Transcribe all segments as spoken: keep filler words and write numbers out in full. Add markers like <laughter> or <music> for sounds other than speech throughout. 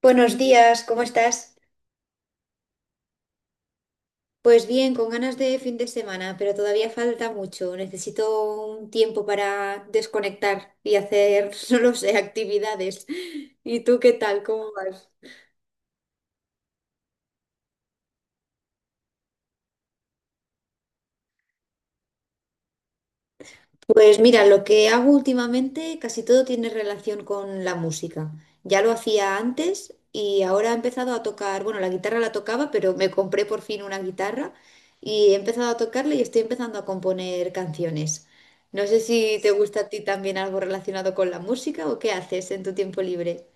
Buenos días, ¿cómo estás? Pues bien, con ganas de fin de semana, pero todavía falta mucho. Necesito un tiempo para desconectar y hacer, <laughs> no lo sé, actividades. ¿Y tú qué tal? ¿Cómo vas? Pues mira, lo que hago últimamente casi todo tiene relación con la música. Ya lo hacía antes y ahora he empezado a tocar, bueno, la guitarra la tocaba, pero me compré por fin una guitarra y he empezado a tocarla y estoy empezando a componer canciones. No sé si te gusta a ti también algo relacionado con la música o qué haces en tu tiempo libre.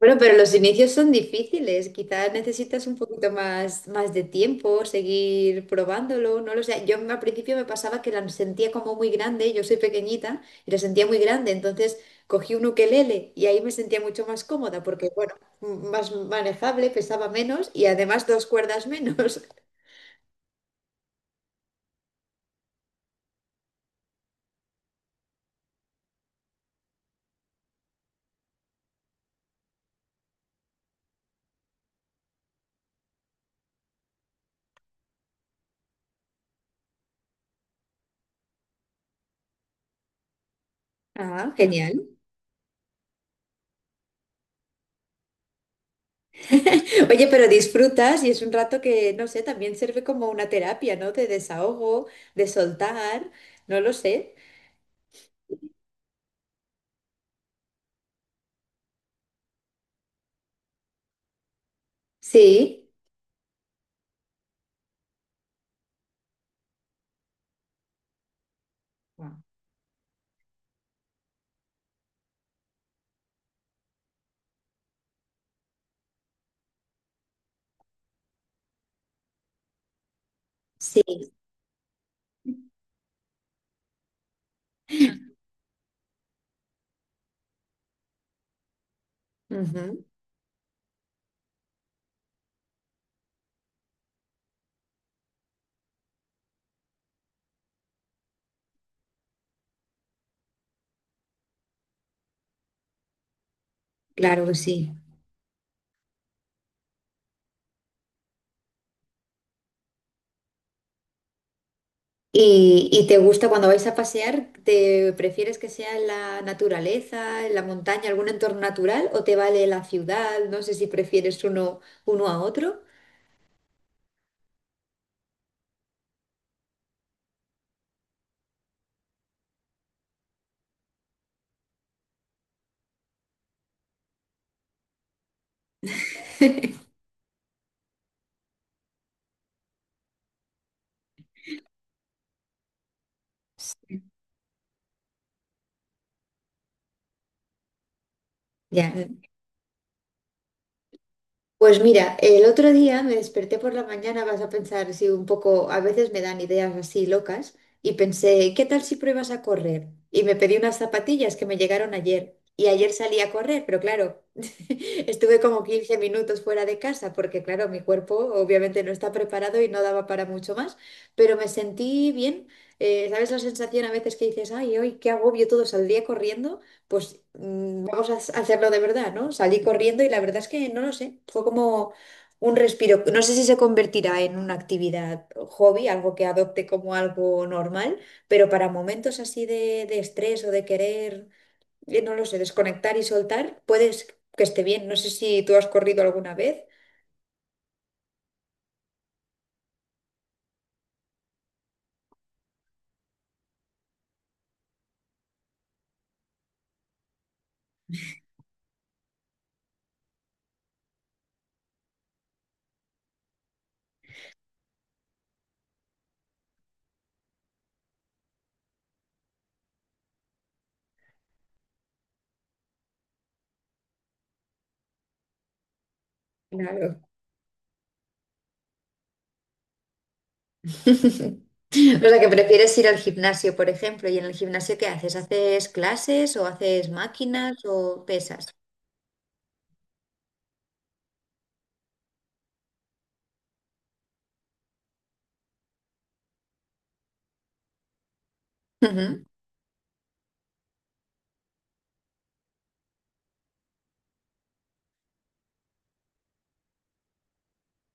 Bueno, pero los inicios son difíciles. Quizás necesitas un poquito más, más de tiempo, seguir probándolo, no lo sé. Yo al principio me pasaba que la sentía como muy grande, yo soy pequeñita y la sentía muy grande, entonces cogí un ukelele y ahí me sentía mucho más cómoda porque, bueno, m- más manejable, pesaba menos y además dos cuerdas menos. <laughs> Ah, genial. Oye, pero disfrutas y es un rato que, no sé, también sirve como una terapia, ¿no? De desahogo, de soltar, no lo sé. Sí. Sí, ujú, claro que sí. ¿Y, y te gusta cuando vais a pasear? ¿Te prefieres que sea en la naturaleza, en la montaña, algún entorno natural o te vale la ciudad? No sé si prefieres uno, uno a otro. Ya. Pues mira, el otro día me desperté por la mañana, vas a pensar, si un poco, a veces me dan ideas así locas, y pensé, ¿qué tal si pruebas a correr? Y me pedí unas zapatillas que me llegaron ayer, y ayer salí a correr, pero claro, <laughs> estuve como quince minutos fuera de casa, porque claro, mi cuerpo obviamente no está preparado y no daba para mucho más, pero me sentí bien. Eh, ¿sabes la sensación a veces que dices, ay, hoy qué agobio todo, saldría corriendo? Pues mm, vamos a ha- hacerlo de verdad, ¿no? Salí corriendo y la verdad es que no lo sé, fue como un respiro. No sé si se convertirá en una actividad hobby, algo que adopte como algo normal, pero para momentos así de, de estrés o de querer, eh, no lo sé, desconectar y soltar, puedes que esté bien. No sé si tú has corrido alguna vez. Claro. <laughs> O sea, que prefieres ir al gimnasio, por ejemplo, y en el gimnasio ¿qué haces? ¿Haces clases o haces máquinas o pesas? <laughs> Ujú.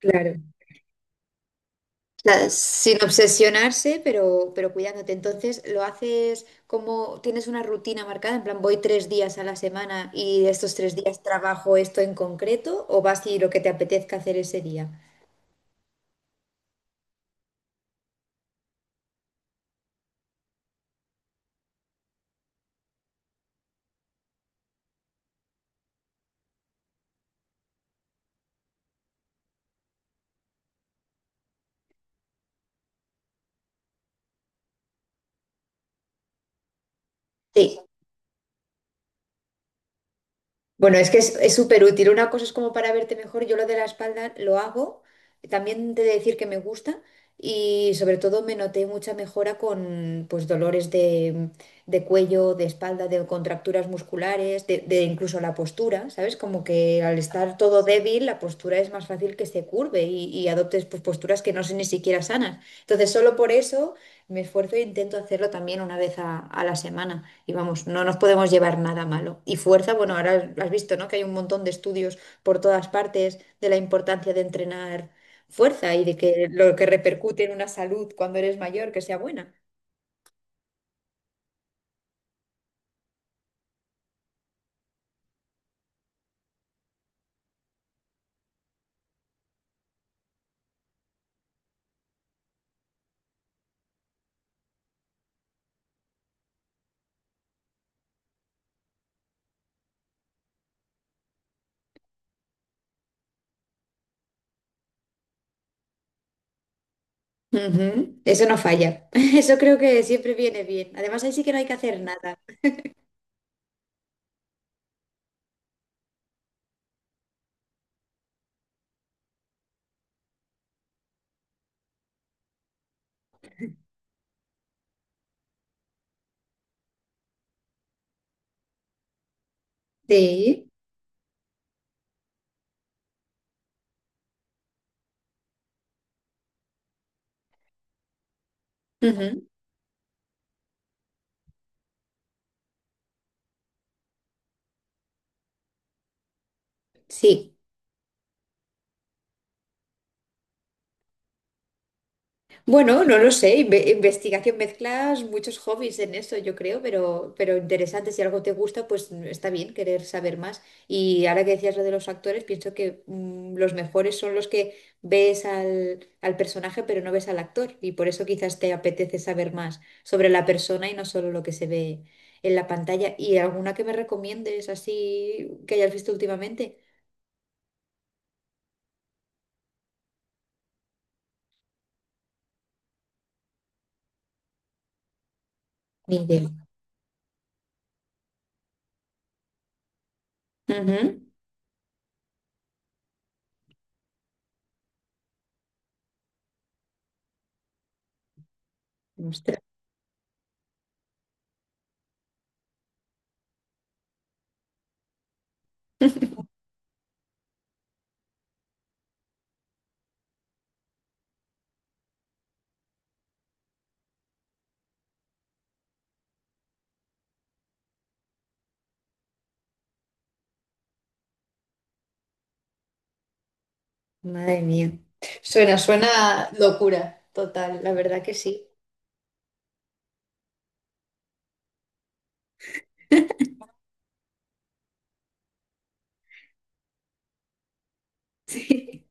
Claro. Sea, sin obsesionarse, pero, pero cuidándote. Entonces, lo haces como tienes una rutina marcada, en plan, voy tres días a la semana y estos tres días trabajo esto en concreto, o vas y lo que te apetezca hacer ese día. Sí. Bueno, es que es súper útil. Una cosa es como para verte mejor. Yo lo de la espalda lo hago. También de decir que me gusta. Y sobre todo me noté mucha mejora con pues dolores de, de cuello, de espalda, de contracturas musculares, de, de incluso la postura, ¿sabes? Como que al estar todo débil, la postura es más fácil que se curve y, y adoptes pues, posturas que no son ni siquiera sanas. Entonces, solo por eso. Me esfuerzo e intento hacerlo también una vez a, a la semana. Y vamos, no nos podemos llevar nada malo. Y fuerza, bueno, ahora has visto, ¿no? Que hay un montón de estudios por todas partes de la importancia de entrenar fuerza y de que lo que repercute en una salud cuando eres mayor, que sea buena. Ujú, eso no falla. <laughs> Eso creo que siempre viene bien. Además, ahí sí que no hay que hacer nada. Sí. Ujú, sí. Bueno, no lo sé, inve- investigación, mezclas muchos hobbies en eso, yo creo, pero, pero interesante, si algo te gusta, pues mm, está bien querer saber más. Y ahora que decías lo de los actores, pienso que mm, los mejores son los que ves al, al personaje, pero no ves al actor, y por eso quizás te apetece saber más sobre la persona y no solo lo que se ve en la pantalla. ¿Y alguna que me recomiendes así que hayas visto últimamente? Ni idea. Ujú. Ostras. <laughs> Madre mía. Suena, suena locura, total, la verdad que sí. <laughs> Sí.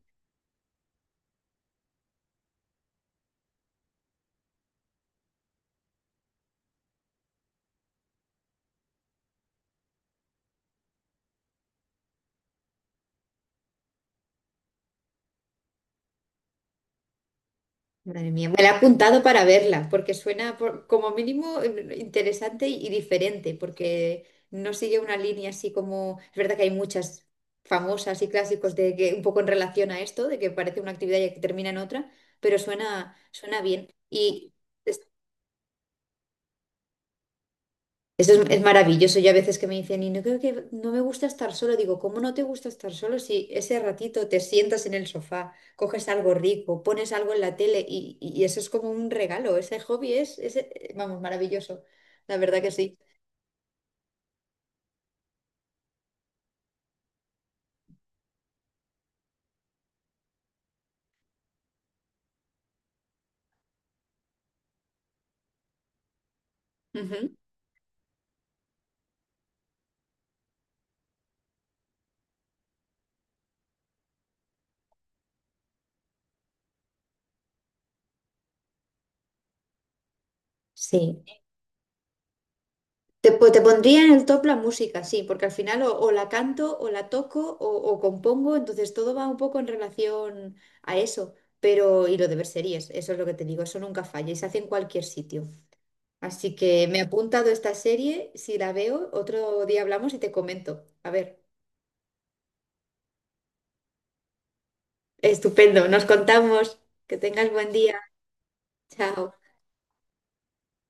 Madre mía, me la he apuntado para verla, porque suena por- como mínimo eh, interesante y y diferente, porque no sigue una línea así como... Es verdad que hay muchas famosas y clásicos de que un poco en relación a esto, de que parece una actividad y que termina en otra, pero suena, suena bien. Y eso es, es maravilloso. Yo a veces que me dicen, y no creo que no me gusta estar solo, digo, ¿cómo no te gusta estar solo si ese ratito te sientas en el sofá, coges algo rico, pones algo en la tele y, y y eso es como un regalo? Ese hobby es, es, eh, vamos, maravilloso. La verdad que sí. Ujú. Sí. Te, po- te pondría en el top la música, sí, porque al final o, o la canto o la toco o, o compongo, entonces todo va un poco en relación a eso. Pero, y lo de ver series, eso es lo que te digo, eso nunca falla y se hace en cualquier sitio. Así que me he apuntado esta serie, si la veo, otro día hablamos y te comento. A ver, estupendo, nos contamos. Que tengas buen día. Chao.